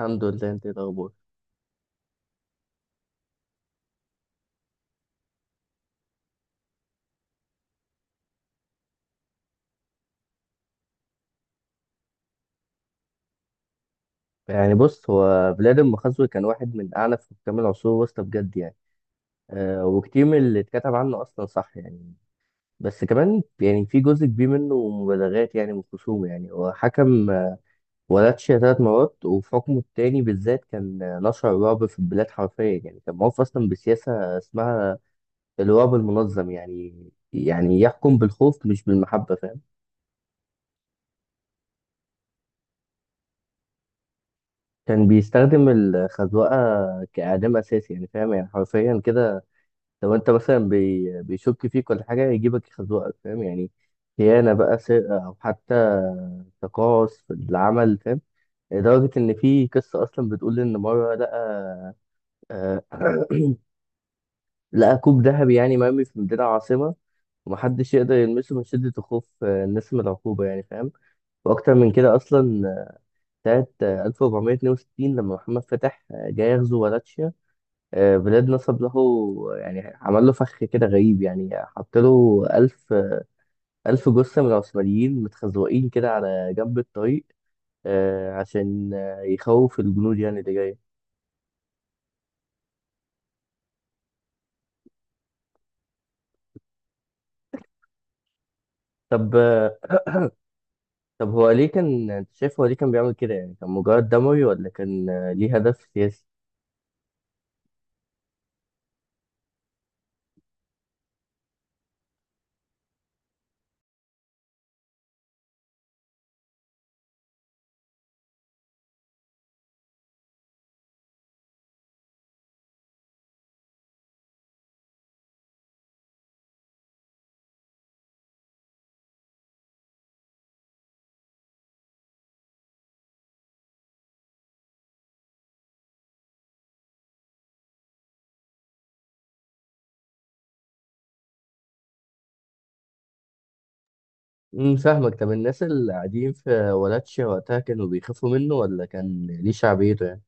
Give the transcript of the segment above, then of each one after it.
الحمد لله، انت ايه الاخبار؟ يعني بص هو فلادimir مخزوي كان واحد من اعنف حكام العصور الوسطى بجد يعني. وكتير من اللي اتكتب عنه اصلا صح يعني. بس كمان يعني في جزء كبير منه مبالغات يعني من خصومه. يعني هو حكم ولاتشيا 3 مرات، وفي حكمه التاني بالذات كان نشر الرعب في البلاد حرفيا يعني. كان معروف اصلا بسياسة اسمها الرعب المنظم يعني، يعني يحكم بالخوف مش بالمحبة، فاهم؟ كان بيستخدم الخزوقة كإعدام أساسي، يعني فاهم يعني حرفيا كده. لو انت مثلا بيشك فيك ولا حاجه يجيبك يخزوقك، فاهم يعني، خيانه بقى، سرقه، او حتى تقاعس في العمل، فاهم. لدرجه ان في قصه اصلا بتقول ان مره لقى آه، لقى كوب ذهبي يعني مرمي في مدينه عاصمه، ومحدش يقدر يلمسه من شدة الخوف الناس من العقوبة يعني، فاهم. وأكتر من كده أصلا سنة 1462 لما محمد فتح جاي يغزو ولاتشيا، بلاد نصب له، يعني عمل له فخ كده غريب يعني، حط له 1000 ألف جثة من العثمانيين متخزوقين كده على جنب الطريق عشان يخوف الجنود يعني اللي جاية. طب آه، طب هو ليه كان، أنت شايف هو ليه كان بيعمل كده يعني، كان مجرد دموي ولا كان ليه هدف سياسي؟ فاهمك. طب الناس اللي قاعدين في ولاتشيا وقتها كانوا بيخافوا منه ولا كان ليه شعبيته يعني؟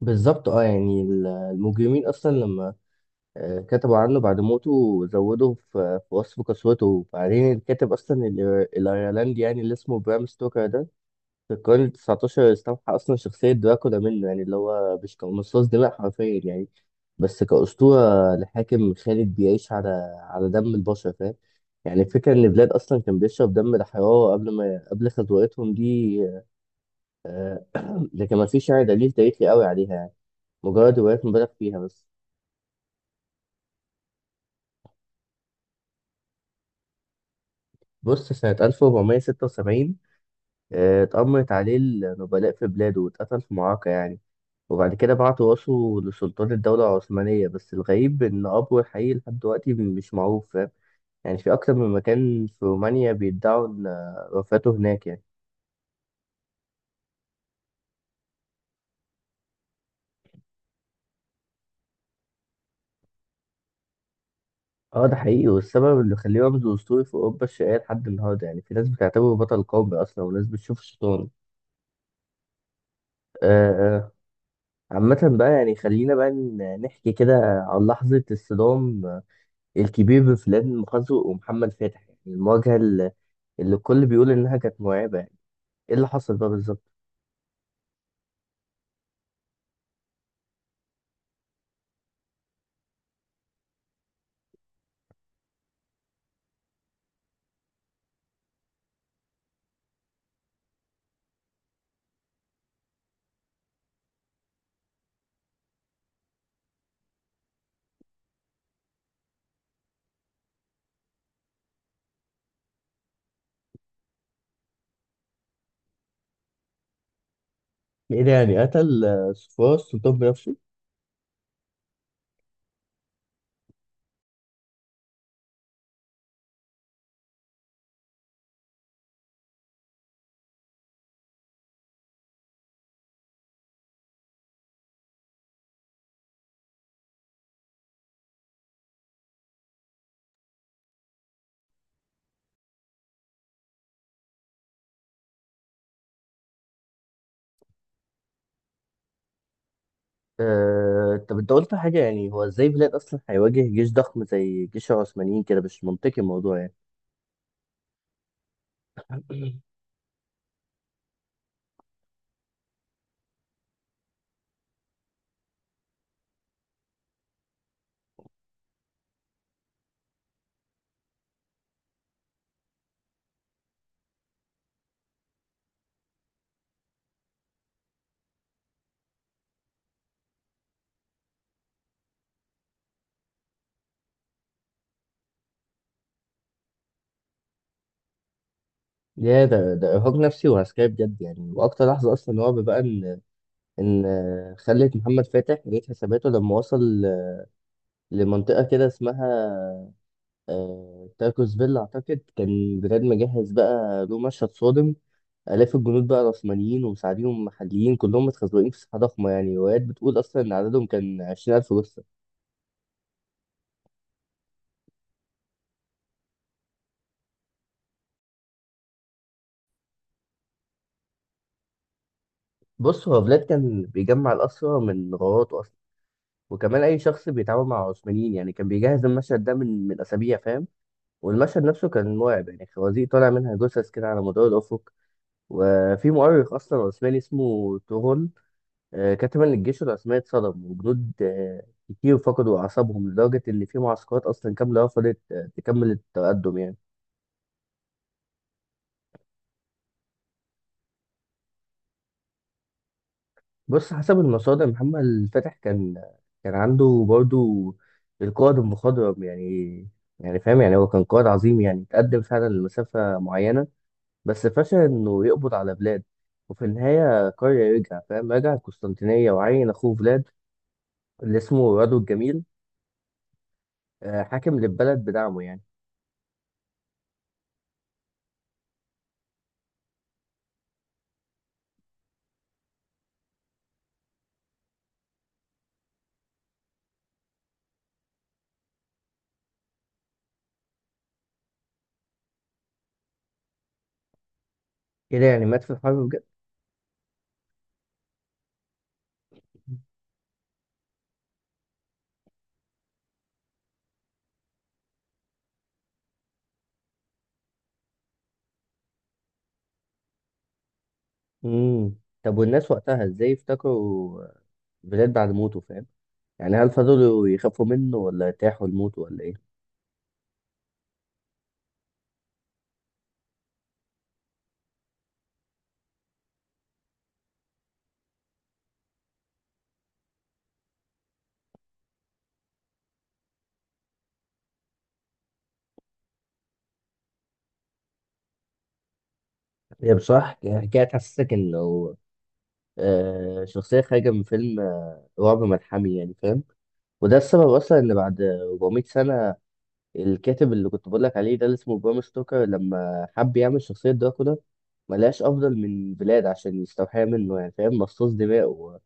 بالظبط. اه يعني المجرمين اصلا لما كتبوا عنه بعد موته زودوا في وصف قسوته. وبعدين الكاتب اصلا الايرلندي يعني اللي اسمه برام ستوكر ده في القرن 19 استوحى أصلا شخصية دراكولا منه، يعني اللي هو مش كمصاص دماء حرفيا يعني، بس كأسطورة لحاكم خالد بيعيش على دم البشر، فاهم. يعني الفكرة إن بلاد أصلا كان بيشرب دم الحرارة قبل خطوتهم دي، لكن ما فيش يعني دليل تاريخي قوي عليها يعني، مجرد روايات مبالغ فيها بس. بص سنة 1476 اتأمرت عليه النبلاء في بلاده واتقتل في معركة يعني، وبعد كده بعت راسه لسلطان الدولة العثمانية. بس الغريب إن أبوه الحقيقي لحد دلوقتي مش معروف، فاهم يعني، في أكتر من مكان في رومانيا بيدعوا إن وفاته هناك يعني. اه ده حقيقي، والسبب اللي خليه رمز أسطوري في أوروبا الشرقية لحد النهاردة يعني، في ناس بتعتبره بطل قومي أصلا وناس بتشوفه شيطان. آه، آه. عامة بقى، يعني خلينا بقى نحكي كده عن لحظة الصدام الكبير بين فلان مخزوق ومحمد فتحي، يعني المواجهة اللي الكل بيقول إنها كانت مرعبة يعني. إيه اللي حصل بقى بالظبط؟ يعني قتل صفوان السلطان بنفسه. طب انت قلت حاجة، يعني هو ازاي بلاد اصلا هيواجه جيش ضخم زي جيش العثمانيين، كده مش منطقي الموضوع يعني. يا، ده ارهاق نفسي وعسكري بجد يعني، واكتر لحظة اصلا رعب بقى ان خلت محمد فاتح يعيد حساباته لما وصل لمنطقة كده اسمها تاركوس فيلا، اعتقد كان بجد مجهز بقى له مشهد صادم. آلاف الجنود بقى العثمانيين ومساعديهم محليين كلهم متخزوقين في ساحة ضخمة، يعني روايات بتقول أصلا إن عددهم كان 20 ألف جثة. بص هو فلاد كان بيجمع الأسرى من غاراته أصلا، وكمان أي شخص بيتعامل مع العثمانيين يعني، كان بيجهز المشهد ده من أسابيع، فاهم. والمشهد نفسه كان مرعب يعني، خوازيق طالع منها جثث كده على مدار الأفق. وفي مؤرخ أصلا عثماني اسمه تورون كتب إن الجيش العثماني اتصدم، وجنود كتير فقدوا أعصابهم، لدرجة إن في معسكرات أصلا كاملة رفضت تكمل التقدم يعني. بص حسب المصادر محمد فتح كان عنده برضو القائد المخضرم يعني، يعني فاهم، يعني هو كان قائد عظيم يعني، تقدم فعلا لمسافة معينة بس فشل إنه يقبض على بلاد، وفي النهاية قرر يرجع، فاهم، رجع القسطنطينية وعين أخوه فلاد اللي اسمه رادو الجميل حاكم للبلد بدعمه يعني. كده يعني مات في الحرب بجد. مم. طب والناس وقتها ازاي افتكروا بلاد بعد موته، فاهم؟ يعني هل فضلوا يخافوا منه ولا ارتاحوا لموته ولا ايه؟ هي بصراحة حكاية تحسسك إنه شخصية خارجة من فيلم رعب ملحمي يعني، فاهم. وده السبب أصلا إن بعد 400 سنة الكاتب اللي كنت بقولك عليه ده اللي اسمه برام ستوكر لما حب يعمل شخصية دراكولا، ملقاش أفضل من بلاد عشان يستوحيها منه يعني، فاهم، مصاص دماء و-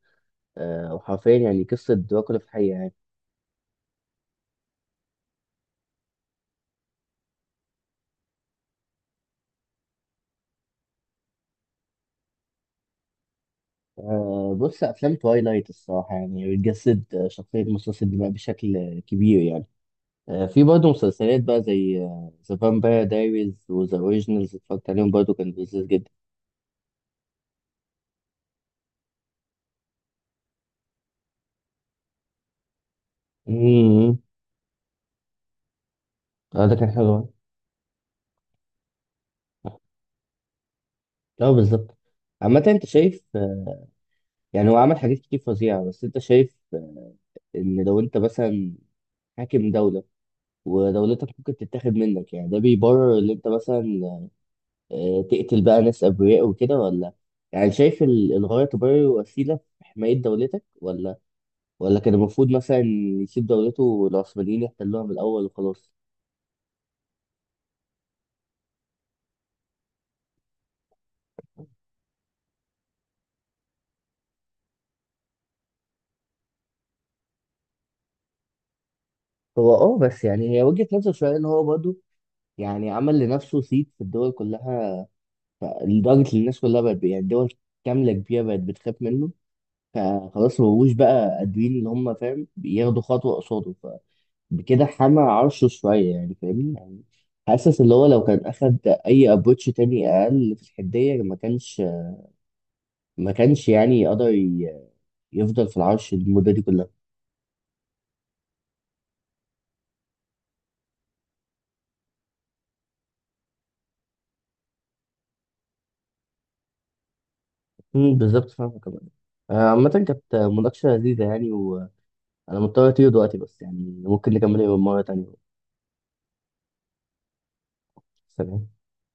آه، وحرفيا يعني قصة دراكولا في الحقيقة يعني. بص أفلام توايلايت الصراحة يعني بتجسد شخصية مصاص الدماء بشكل كبير يعني. في برضه مسلسلات بقى زي ذا فامباير دايريز وذا اوريجينالز، اتفرجت عليهم برضه، كان لذيذ جدا. امم اه، ده كان حلو أوي. لا بالظبط. عامة انت شايف يعني هو عمل حاجات كتير فظيعة، بس انت شايف ان لو انت مثلا حاكم دولة ودولتك ممكن تتاخد منك، يعني ده بيبرر ان انت مثلا تقتل بقى ناس ابرياء وكده؟ ولا يعني شايف الغاية تبرر وسيلة في حماية دولتك، ولا كان المفروض مثلا يسيب دولته والعثمانيين يحتلوها من الأول وخلاص؟ هو اه، بس يعني هي وجهة نظر شوية، ان هو برضه يعني عمل لنفسه صيت في الدول كلها، لدرجة ان الناس كلها بقت يعني دول كاملة كبيرة بقت بتخاف منه، فخلاص مبقوش بقى قادرين ان هم، فاهم، ياخدوا خطوة قصاده، فبكده حمى عرشه شوية، يعني فاهمني يعني. حاسس اللي هو لو كان أخد أي أبروتش تاني أقل في الحدية ما كانش يعني يقدر يفضل في العرش المدة دي كلها. بالظبط، فاهمة كمان. عامة كانت مناقشة لذيذة يعني، انا مضطر اطير دلوقتي، بس يعني ممكن نكمل يوم مرة تانية. سلام.